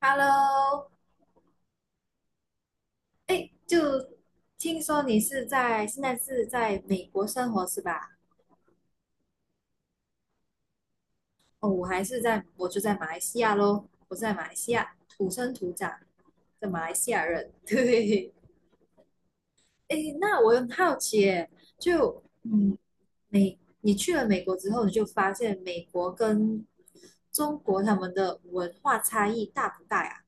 Hello，哎，就听说你现在是在美国生活是吧？哦，我就在马来西亚咯，我是在马来西亚土生土长的马来西亚人。对，哎，那我很好奇耶，就嗯，你去了美国之后，你就发现美国跟中国他们的文化差异大不大呀？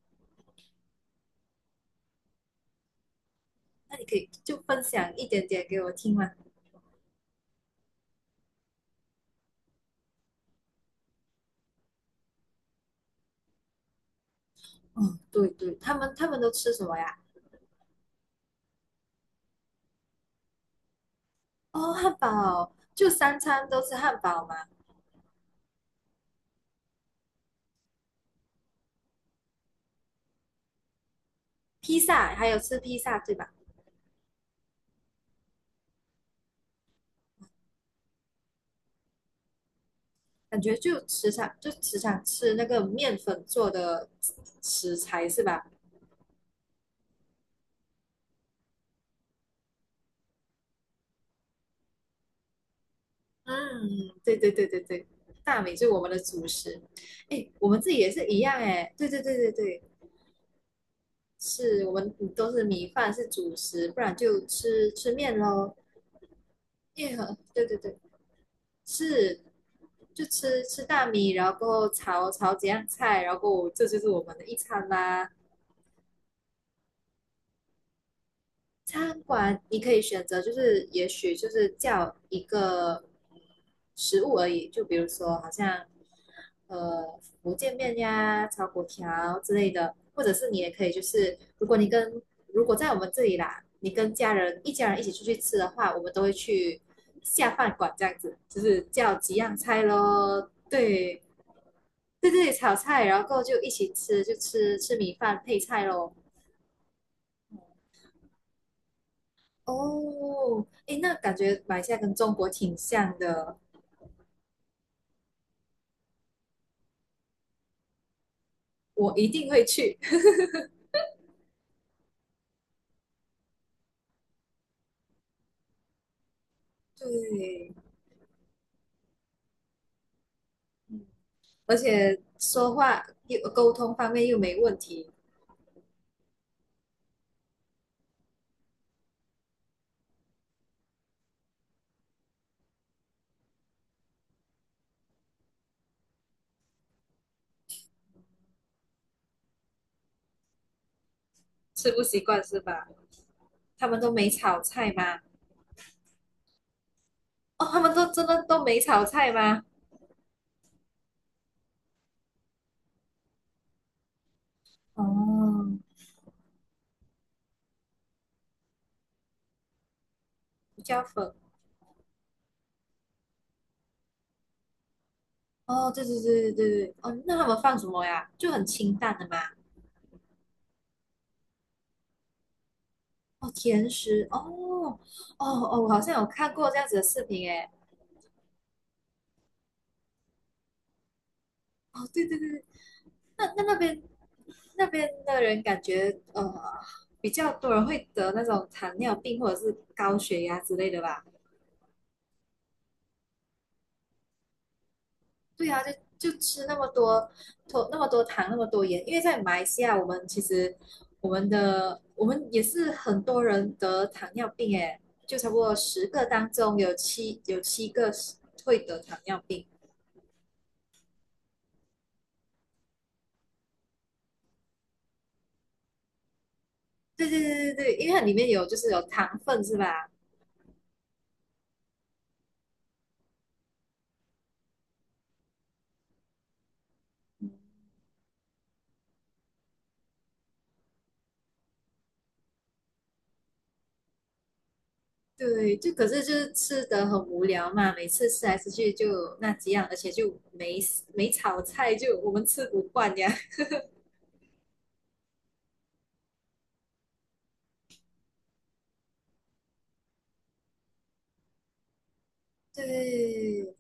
那你可以就分享一点点给我听吗？嗯，对对，他们都吃什么呀？哦，汉堡就三餐都吃汉堡嘛，披萨还有吃披萨对吧？感觉就时常吃那个面粉做的食材是吧？嗯，对对对对对，大米就是我们的主食。哎，我们自己也是一样哎，对对对对对，是我们都是米饭是主食，不然就吃吃面喽。耶，对对对，是就吃吃大米，然后过后炒炒几样菜，然后过后这就是我们的一餐啦。餐馆你可以选择，就是也许就是叫一个食物而已，就比如说好像福建面呀、炒粿条之类的，或者是你也可以就是如果在我们这里啦，你跟一家人一起出去吃的话，我们都会去下饭馆这样子，就是叫几样菜咯，对对对，在这里炒菜，然后过后就一起吃，就吃吃米饭配菜咯。哦，诶，那感觉马来西亚跟中国挺像的，我一定会去。对，嗯，而且说话又沟通方面又没问题，吃不习惯是吧？他们都没炒菜吗？哦，他们都真的都没炒菜吗？哦，胡椒粉。哦，对对对对对对，哦，那他们放什么呀？就很清淡的嘛。哦，甜食。哦，哦哦，我好像有看过这样子的视频诶。哦，对对对，那那那边那边的人感觉比较多人会得那种糖尿病或者是高血压之类的吧？对啊，就吃那么多糖那么多盐，因为在马来西亚其实我们也是很多人得糖尿病诶，就差不多10个当中有七个是会得糖尿病。对对对对对，因为它里面有糖分是吧？对，就可是就是吃的很无聊嘛，每次吃来吃去就那几样，而且就没炒菜，就我们吃不惯呀。对，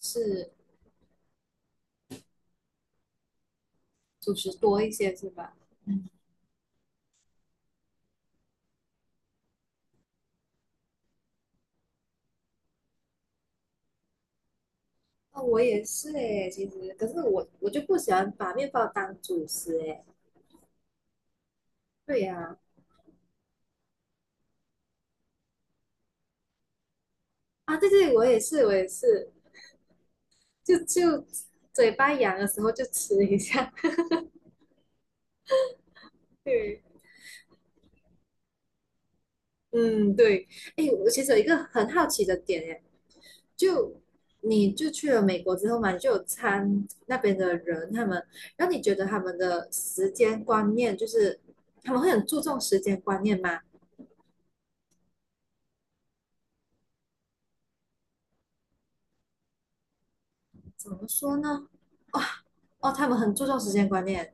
是主食多一些是吧？嗯，那我也是诶，其实可是我就不喜欢把面包当主食诶。对呀、啊对对，我也是我也是，就嘴巴痒的时候就吃一下。对，嗯对，哎我其实有一个很好奇的点诶，就你就去了美国之后嘛，你就那边的人，他们让你觉得他们的时间观念就是他们会很注重时间观念吗？怎么说呢？哦哦，他们很注重时间观念，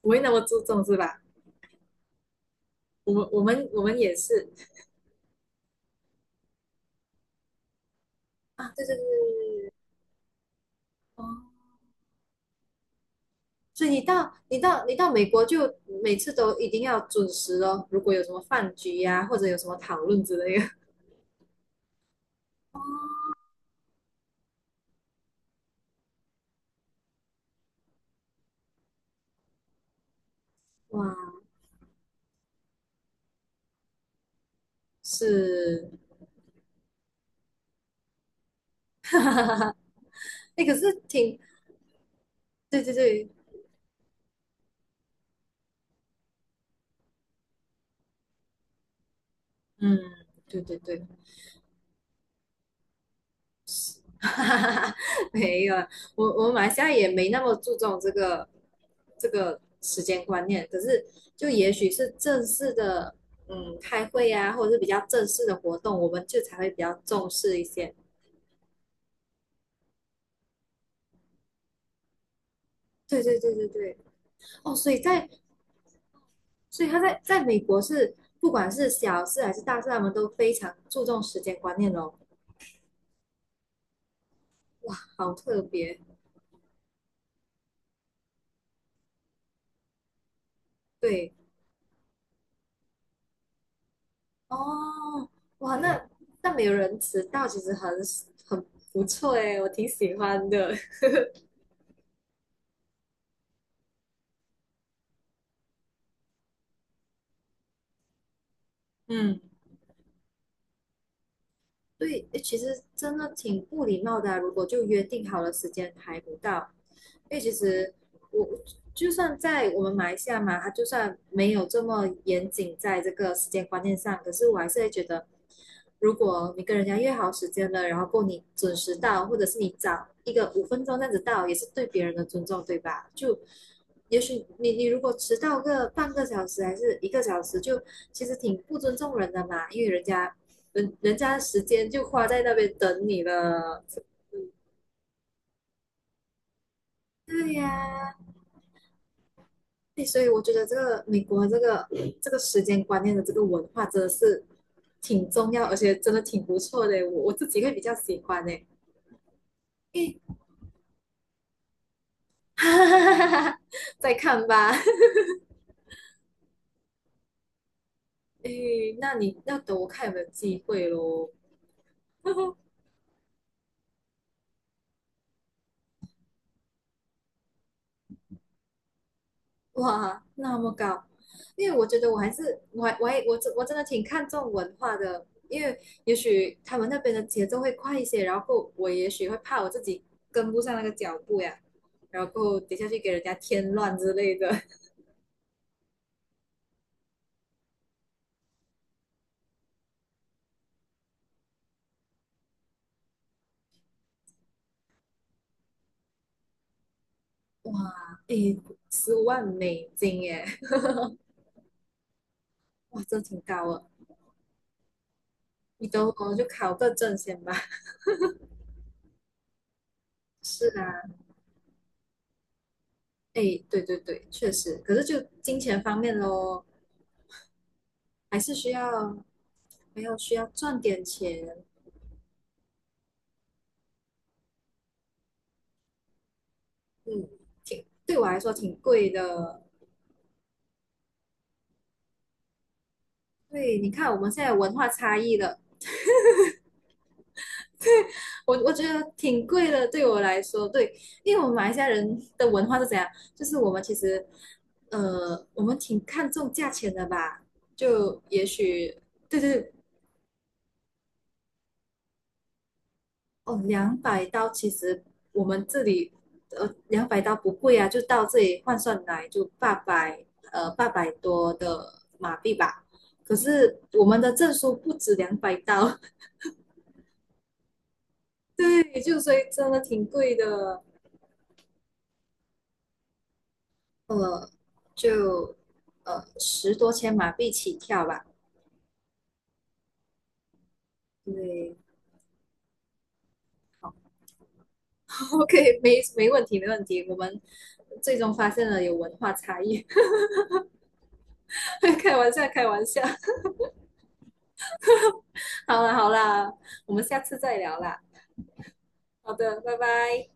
不会那么注重是吧？我们也是啊，对对对对对对，哦，所以你到美国就每次都一定要准时哦，如果有什么饭局呀、或者有什么讨论之类的，哇，是，哎，可是挺对对对，嗯，对对对，没有，我马来西亚也没那么注重这个时间观念，可是就也许是正式的，嗯，开会啊，或者是比较正式的活动，我们就才会比较重视一些。对对对对对，哦，所以他在美国是不管是小事还是大事，他们都非常注重时间观念哦，好特别。对，哦，哇，那没有人迟到，其实很不错诶，我挺喜欢的。嗯。对，诶其实真的挺不礼貌的啊如果就约定好了时间排不到，因为其实我就算在我们马来西亚嘛，它就算没有这么严谨在这个时间观念上，可是我还是会觉得，如果你跟人家约好时间了，然后够你准时到，或者是你早一个5分钟这样子到，也是对别人的尊重，对吧？就也许你如果迟到个半个小时还是1个小时，就其实挺不尊重人的嘛，因为人家时间就花在那边等你了。对呀、啊所以我觉得这个美国这个时间观念的这个文化真的是挺重要，而且真的挺不错的。我自己会比较喜欢诶，哎，哈哈哈哈哈，再看吧。哎，那你要等我看有没有机会喽。哇，那么高，因为我觉得我还是我还我还我真我真的挺看重文化的，因为也许他们那边的节奏会快一些，然后我也许会怕我自己跟不上那个脚步呀，然后等下去给人家添乱之类的。哇，诶，15万美金耶，哇，这挺高了。你等我就考个证先吧。是啊，诶，对对对，确实，可是就金钱方面咯，还是需要还要需要赚点钱，嗯，对我来说挺贵的。对，你看我们现在文化差异了，我觉得挺贵的，对我来说，对，因为我们马来西亚人的文化是怎样？就是我们其实，我们挺看重价钱的吧？就也许，对对对，哦，两百刀，其实我们这里，两百刀不贵啊，就到这里换算来就八百，800多的马币吧。可是我们的证书不止两百刀，对，就所以真的挺贵的，呃，就10多千马币起跳吧。对 ，OK，没问题，没问题。我们最终发现了有文化差异，开玩笑，开玩笑。好啦好啦，我们下次再聊啦。好的，拜拜。